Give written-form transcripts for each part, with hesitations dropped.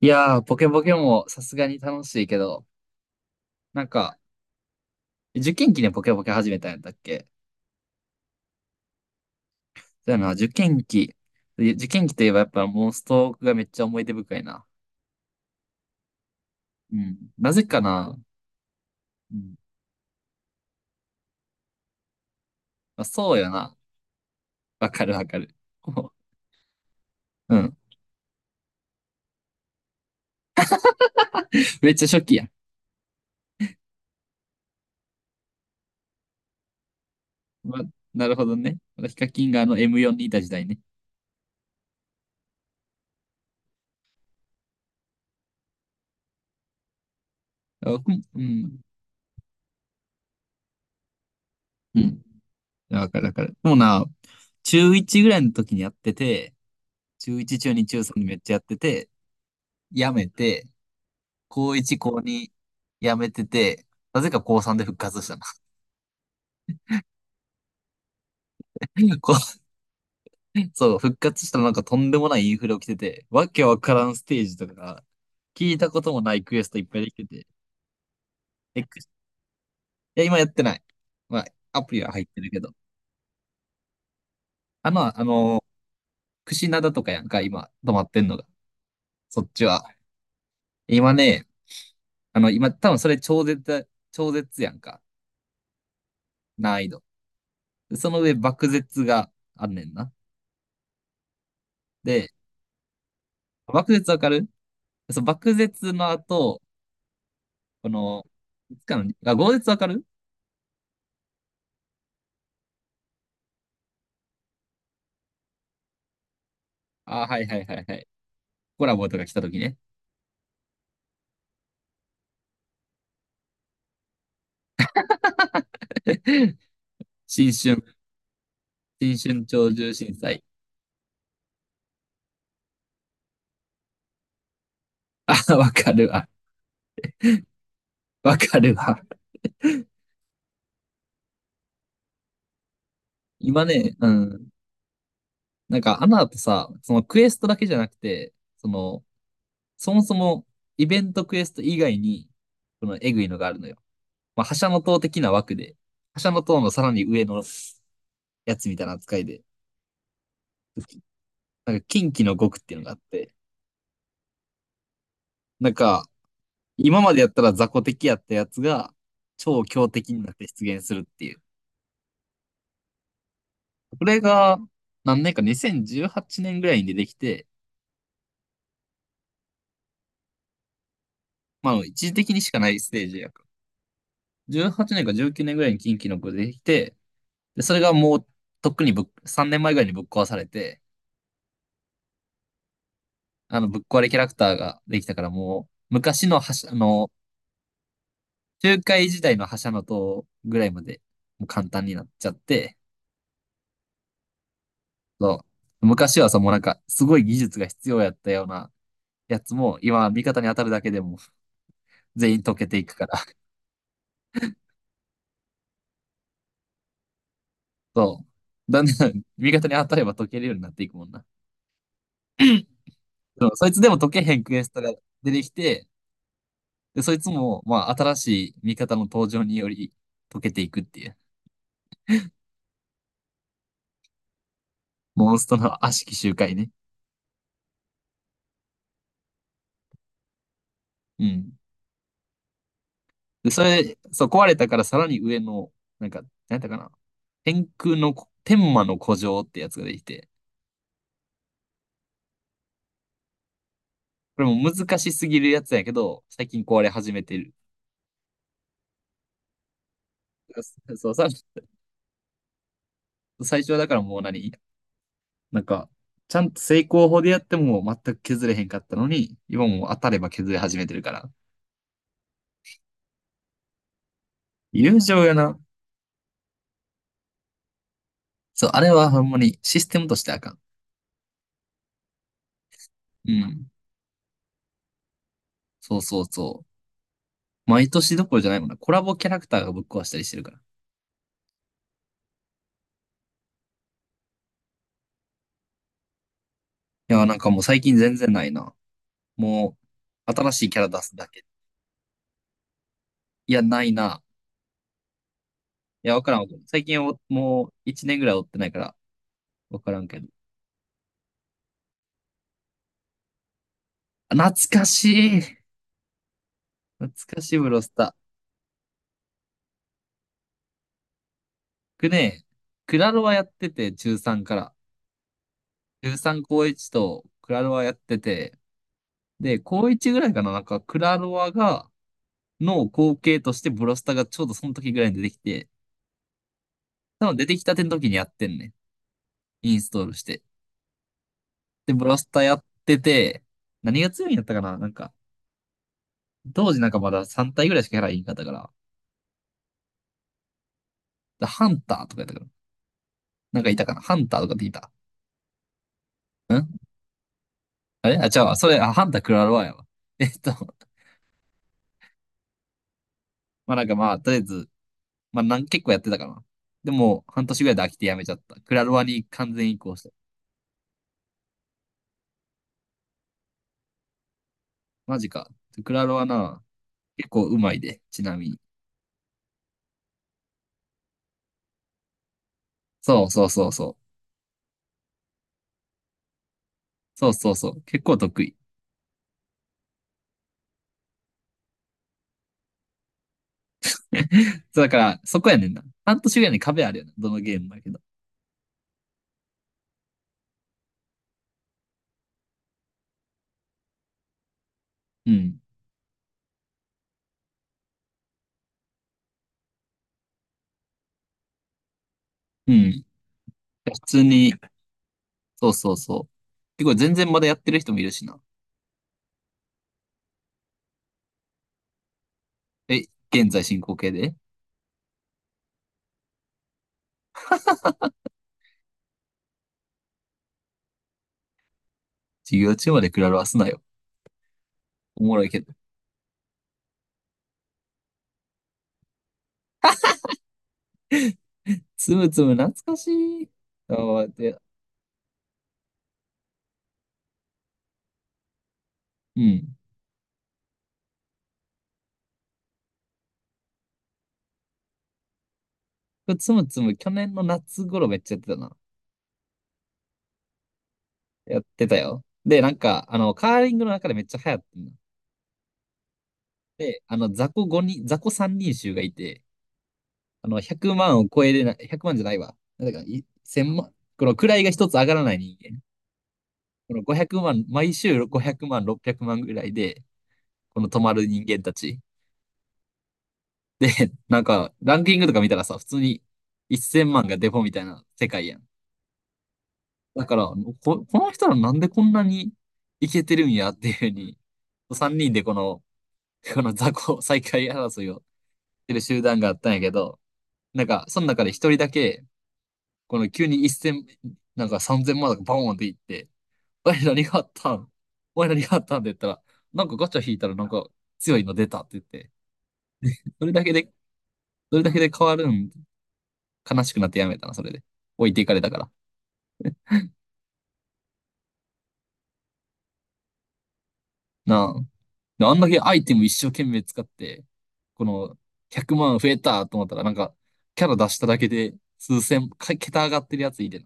いやー、ポケポケもさすがに楽しいけど、なんか、受験期でポケポケ始めたんやったっけ？そうやな、受験期。で受験期といえばやっぱモンストがめっちゃ思い出深いな。うん。なぜかな。うん。まあ、そうやな。わかるわかる。うん。めっちゃ初期や。ま、なるほどね。まだヒカキンがあの M4 にいた時代ね。あ、うん。うん。うん。わかるわかる。でもな、中1ぐらいの時にやってて、中1、中2、中3でめっちゃやってて、やめて、高1、高2辞めてて、なぜか高3で復活したの。こうそう、復活したらなんかとんでもないインフレ起きてて、わけわからんステージとか、聞いたこともないクエストいっぱいできてて。え、くいや、今やってない。まあ、アプリは入ってるけど。あの、クシナダとかやんか、今、止まってんのが。そっちは。今ね、あの、今、多分それ超絶やんか、難易度。でその上、爆絶があんねんな。で、爆絶わかる？そう、爆絶の後、この、いつかの、あ、豪絶わかる？あ、はいはいはいはい。コラボとか来た時ね。新春、新春鳥獣震災。あ、わかるわ。わかるわ。今ね、うん。なんか、アナとさ、そのクエストだけじゃなくて、その、そもそもイベントクエスト以外に、このエグいのがあるのよ。まあ、覇者の塔的な枠で、覇者の塔のさらに上のやつみたいな扱いで、なんか、近畿の極っていうのがあって、なんか、今までやったら雑魚敵やったやつが超強敵になって出現するっていう。これが何年か、2018年ぐらいに出てきて、まあ一時的にしかないステージやから。18年か19年ぐらいに近畿の子出てきて、で、それがもうとっくに3年前ぐらいにぶっ壊されて、あのぶっ壊れキャラクターができたからもう昔の覇者、あの、中海時代の覇者の塔ぐらいまでもう簡単になっちゃって、そう。昔はさ、もうなんかすごい技術が必要やったようなやつも、今、味方に当たるだけでも、全員溶けていくから。そう。だんだん、味方に当たれば溶けるようになっていくもんな。そう、そいつでも溶けへんクエストが出てきて、で、そいつも、まあ、新しい味方の登場により溶けていくっていう。モンストの悪しき周回ね。うん。で、それ、そう、壊れたからさらに上の、なんか、なんだかな。天魔の古城ってやつができて、これも難しすぎるやつやけど、最近壊れ始めてる。そう、そうさらに、最初は、だからもうなんか、ちゃんと成功法でやっても全く削れへんかったのに、今もう当たれば削れ始めてるから。友情やな。そう、あれはほんまにシステムとしてあかん。うん。そうそうそう。毎年どころじゃないもんな。コラボキャラクターがぶっ壊したりしてるから。いや、なんかもう最近全然ないな。もう、新しいキャラ出すだけ。いや、ないな。いや、わからんわからん。最近おもう1年ぐらい追ってないから、わからんけど。あ、懐かしい。懐かしいブロスター。僕ね、クラロワやってて、中3から。中3高1とクラロワやってて、で、高1ぐらいかな、なんかクラロワがの後継としてブロスタがちょうどその時ぐらいに出てきて、多分出てきたての時にやってんね。インストールして。で、ブロスタやってて、何が強いんやったかな、なんか、当時なんかまだ3体ぐらいしかキャラいんかったから、だハンターとかやったから、なんかいたかなハンターとかっていたん？あれあ、違うわ。それ、あ、ハンタークラロワやわ。えっと、まあなんかまあ、とりあえず、まあなん、結構やってたかな。でも、半年ぐらいで飽きてやめちゃった。クラロワに完全移行した。マジか。クラロワな、結構うまいで、ちなみに。そうそうそうそう。そうそうそう。結構得意。そうだから、そこやねんな。半年ぐらいに壁あるよな。どのゲームだけど。うん。うん。普通に、そうそうそう。結構全然まだやってる人もいるしな。え、現在進行形で？授業中までクラロワすなよ。おもろいけど。つむつむ懐かしい。あ、で、うん。つむつむ去年の夏頃めっちゃやってたな。やってたよ。で、なんか、あの、カーリングの中でめっちゃ流行ってんの。で、あの、雑魚5人、雑魚3人衆がいて、あの、100万じゃないわ。なんだか、1000万、この位が一つ上がらない人間。この5 0万、毎週500万、600万ぐらいで、この止まる人間たち。なんか、ランキングとか見たらさ、普通に1000万がデフォみたいな世界やん。だから、こ、この人らなんでこんなにいけてるんやっていうふうに、3人でこの、この雑魚再開争いをてる集団があったんやけど、なんか、その中で一人だけ、この急に一千、なんか三千万とかバーンっていって、おい何があったん？おい何があったんって言ったら、なんかガチャ引いたらなんか強いの出たって言って、それだけで、それだけで変わるん？悲しくなってやめたな、それで。置いていかれたから。なあ。であんだけアイテム一生懸命使って、この100万増えたと思ったら、なんか、キャラ出しただけで数千、か桁上がってるやついて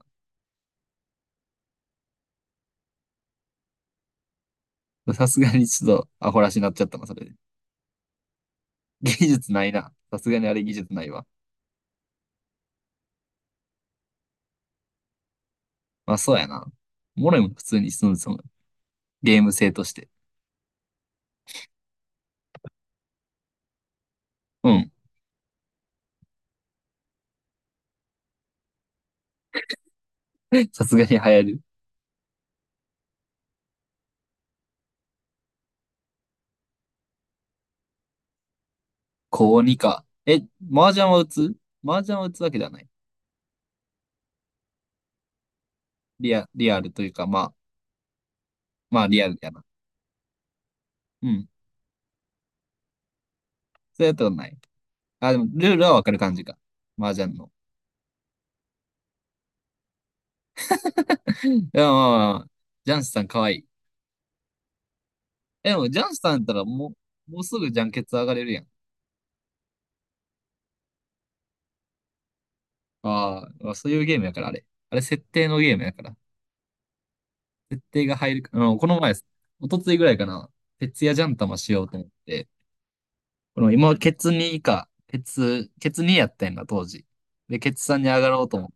な。さすがにちょっとアホらしになっちゃったな、それで。技術ないな。さすがにあれ技術ないわ。まあそうやな。モレも普通に進むそのゲーム性として。うん。さすがに流行る。高にか。え、麻雀は打つ？麻雀は打つわけではない。リアルというか、まあ、まあリアルやな。うん。そうやったことない。あ、でもルールはわかる感じか。麻雀の。いや、まあまあ、まあ、ジャンスさんかわいい。え、でもジャンスさんやったらもうすぐジャンケツ上がれるやん。ああ、まあそういうゲームやから、あれ。あれ設定のゲームやから。設定が入るか、あの、この前、一昨日ぐらいかな、徹夜ジャン玉しようと思って、この今、ケツ2か、ケツ2やったんだ、当時。で、ケツ3に上がろうと思って、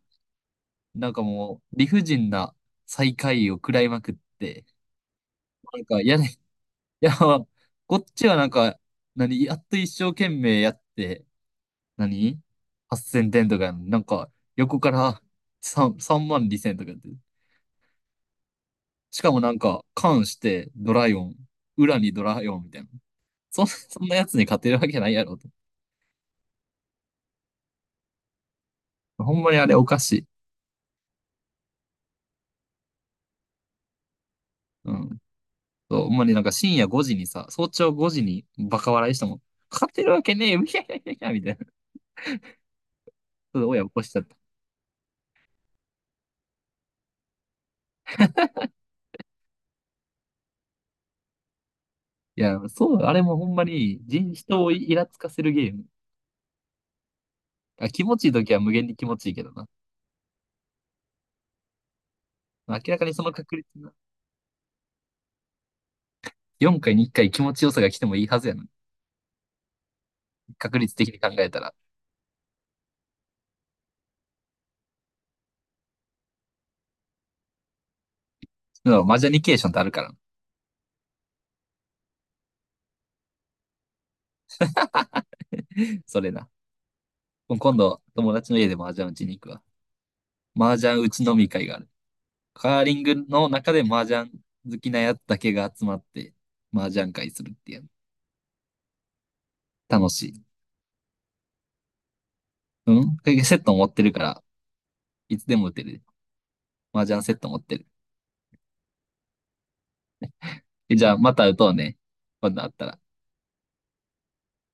なんかもう、理不尽な最下位を食らいまくって、なんかいやね、いや、こっちはなんか、やっと一生懸命やって、何？ 8000 点とかやのになんか、横から3、3万2000とかやって、しかもなんか、関してドライオン、裏にドライオンみたいな。そんなやつに勝てるわけないやろと。ほんまにあれおかしい。うん。そうほんまになんか深夜5時にさ、早朝5時にバカ笑いしてもん、勝てるわけねえよ、いやいやいやいや、みたいな。それ親起こしちゃった。いや、そう、あれもほんまに人をイラつかせるゲーム。あ、気持ちいい時は無限に気持ちいいけどな。明らかにその確率な。4回に1回気持ちよさが来てもいいはずやな。確率的に考えたら。でもマージャニケーションってあるからな。それな。今度、友達の家でマージャン打ちに行くわ。マージャン打ち飲み会がある。カーリングの中で麻雀好きなやつだけが集まって麻雀会するっていうの。楽しい。うん。セット持ってるから、いつでも打てる。麻雀セット持ってる。え、じゃあ、また打とうね。今度あったら。